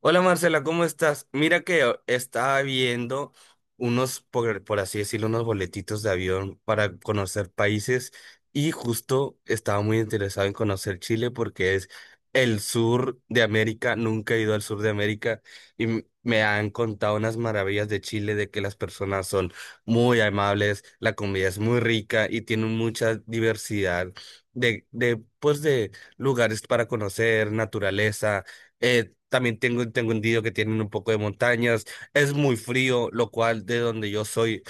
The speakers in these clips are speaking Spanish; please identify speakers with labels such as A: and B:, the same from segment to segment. A: Hola Marcela, ¿cómo estás? Mira que estaba viendo unos, por así decirlo, unos boletitos de avión para conocer países y justo estaba muy interesado en conocer Chile porque es el sur de América, nunca he ido al sur de América y me han contado unas maravillas de Chile, de que las personas son muy amables, la comida es muy rica y tienen mucha diversidad pues de lugares para conocer, naturaleza. También tengo entendido que tienen un poco de montañas. Es muy frío, lo cual de donde yo soy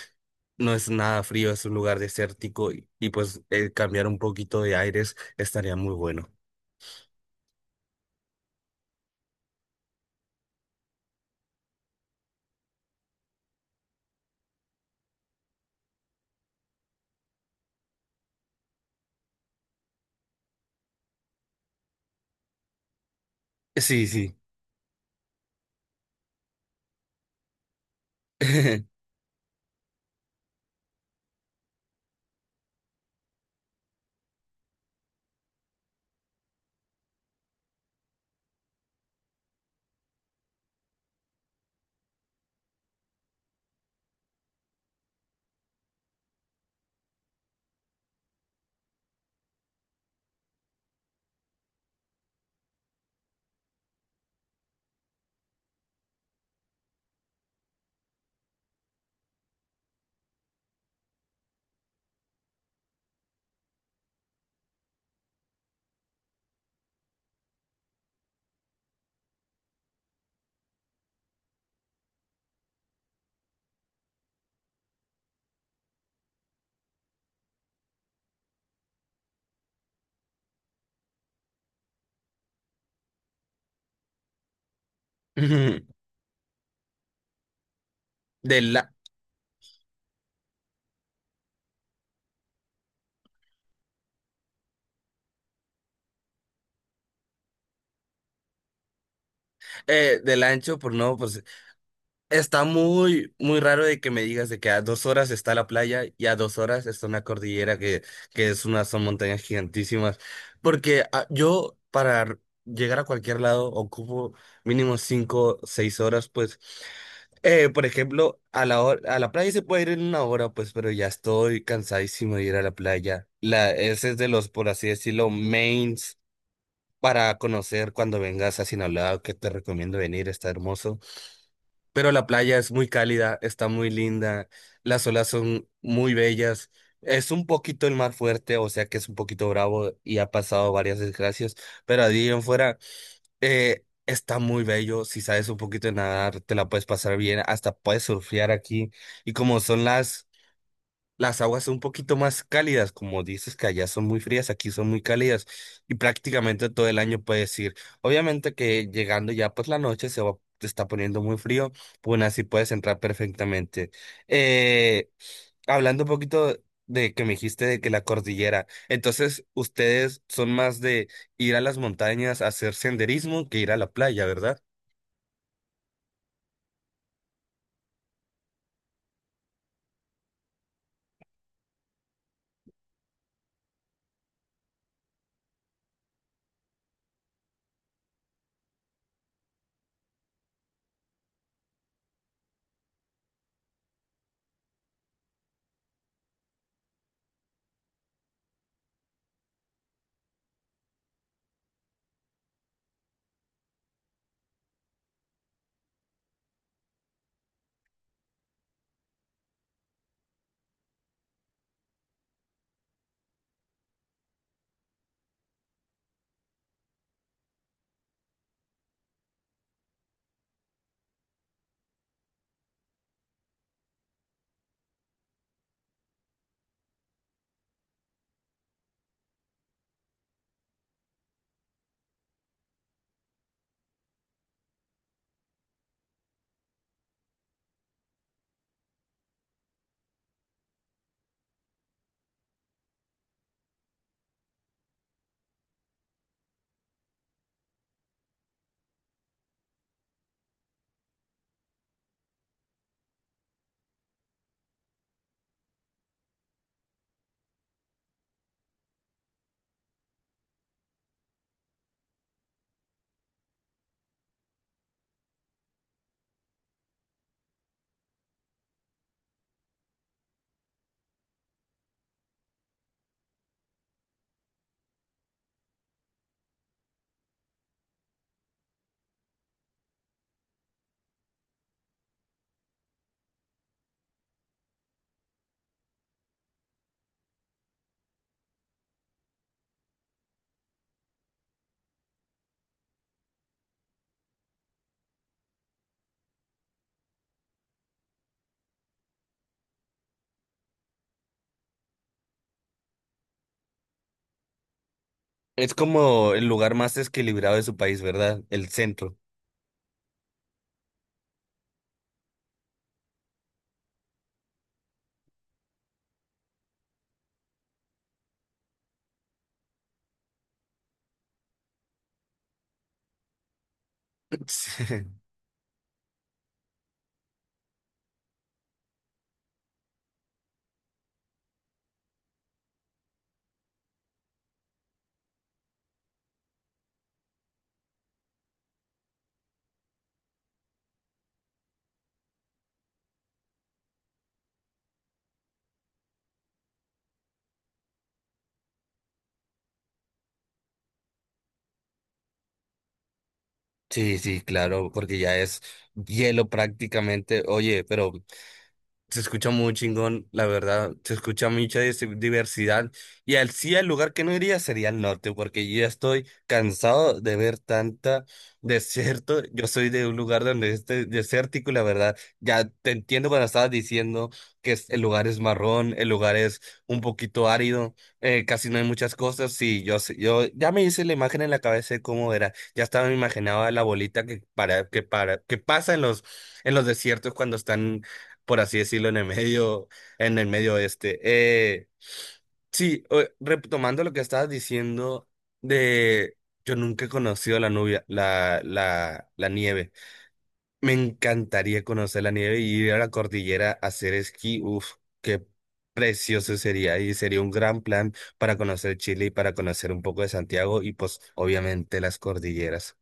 A: no es nada frío, es un lugar desértico y pues cambiar un poquito de aires estaría muy bueno. Sí, sí. Del, la- del ancho, pues no. Pues está muy, muy raro de que me digas de que a 2 horas está la playa y a 2 horas está una cordillera que son montañas gigantísimas. Porque yo para llegar a cualquier lado ocupo mínimo 5, 6 horas, pues. Por ejemplo, a la playa se puede ir en 1 hora, pues, pero ya estoy cansadísimo de ir a la playa. Ese es de los, por así decirlo, mains para conocer cuando vengas a Sinaloa, que te recomiendo venir, está hermoso, pero la playa es muy cálida, está muy linda, las olas son muy bellas. Es un poquito el mar fuerte, o sea que es un poquito bravo y ha pasado varias desgracias, pero allí en fuera está muy bello. Si sabes un poquito de nadar, te la puedes pasar bien, hasta puedes surfear aquí. Y como son las aguas son un poquito más cálidas, como dices que allá son muy frías, aquí son muy cálidas y prácticamente todo el año puedes ir. Obviamente que llegando ya pues la noche te está poniendo muy frío, pues aún así puedes entrar perfectamente. Eh, Hablando un poquito de que me dijiste de que la cordillera, entonces ustedes son más de ir a las montañas a hacer senderismo que ir a la playa, ¿verdad? Es como el lugar más desequilibrado de su país, ¿verdad? El centro. Sí, sí, claro, porque ya es hielo prácticamente. Oye, pero se escucha muy chingón, la verdad. Se escucha mucha diversidad. Y al sí, el lugar que no iría sería el norte, porque yo ya estoy cansado de ver tanta desierto. Yo soy de un lugar donde es desértico, y la verdad. Ya te entiendo cuando estabas diciendo que el lugar es marrón, el lugar es un poquito árido, casi no hay muchas cosas. Sí, yo, yo ya me hice la imagen en la cabeza de cómo era. Ya estaba, me imaginaba la bolita que pasa en los desiertos cuando están, por así decirlo, en el medio oeste. Sí, retomando lo que estabas diciendo de yo nunca he conocido la nubia, la nieve. Me encantaría conocer la nieve y ir a la cordillera a hacer esquí. Uf, qué precioso sería. Y sería un gran plan para conocer Chile y para conocer un poco de Santiago y pues obviamente las cordilleras.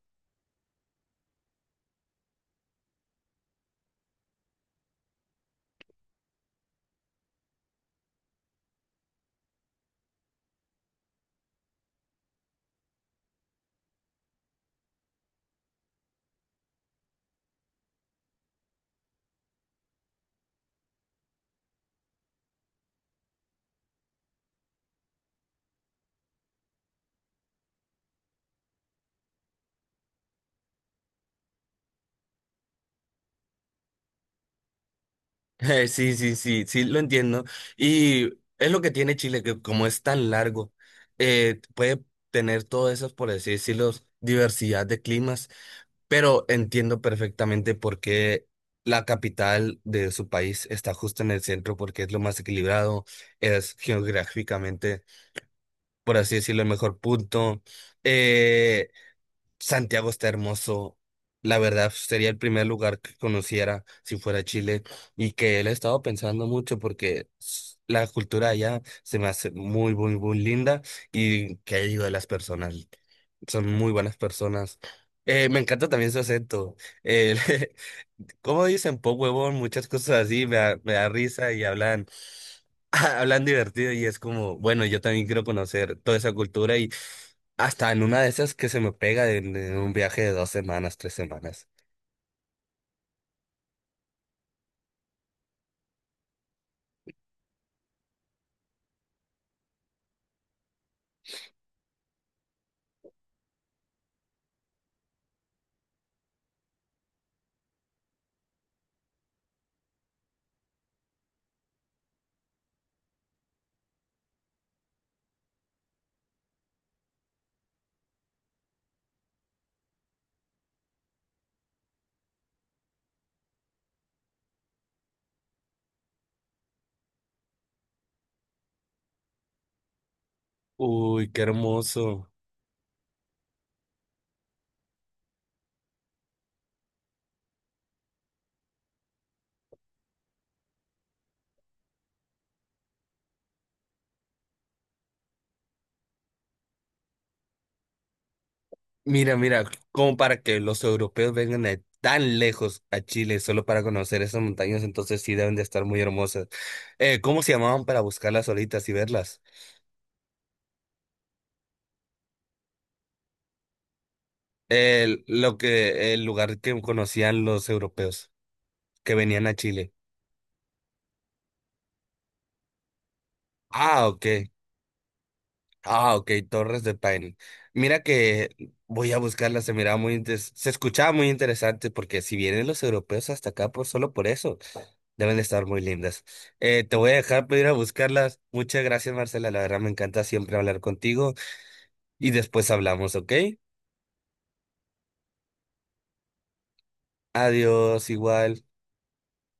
A: Sí, sí, sí, sí, lo entiendo. Y es lo que tiene Chile, que como es tan largo, puede tener todas esas, por así decirlo, diversidad de climas, pero entiendo perfectamente por qué la capital de su país está justo en el centro, porque es lo más equilibrado, es geográficamente, por así decirlo, el mejor punto. Eh, Santiago está hermoso. La verdad, sería el primer lugar que conociera si fuera Chile y que él he estado pensando mucho porque la cultura allá se me hace muy, muy, muy linda y que digo de las personas, son muy buenas personas. Me encanta también su acento. Eh, Como dicen, po huevón, muchas cosas así, me da risa y hablan, hablan divertido y es como, bueno, yo también quiero conocer toda esa cultura y hasta en una de esas que se me pega en un viaje de 2 semanas, 3 semanas. Uy, qué hermoso. Mira, mira, como para que los europeos vengan de tan lejos a Chile solo para conocer esas montañas, entonces sí deben de estar muy hermosas. ¿Cómo se llamaban para buscarlas ahorita y verlas? El lugar que conocían los europeos que venían a Chile. Ah, ok. Ah, ok, Torres de Paine. Mira que voy a buscarla, se miraba muy se escuchaba muy interesante, porque si vienen los europeos hasta acá por, solo por eso, deben de estar muy lindas. Te voy a dejar para ir a buscarlas. Muchas gracias, Marcela, la verdad me encanta siempre hablar contigo y después hablamos, ¿ok? Adiós, igual.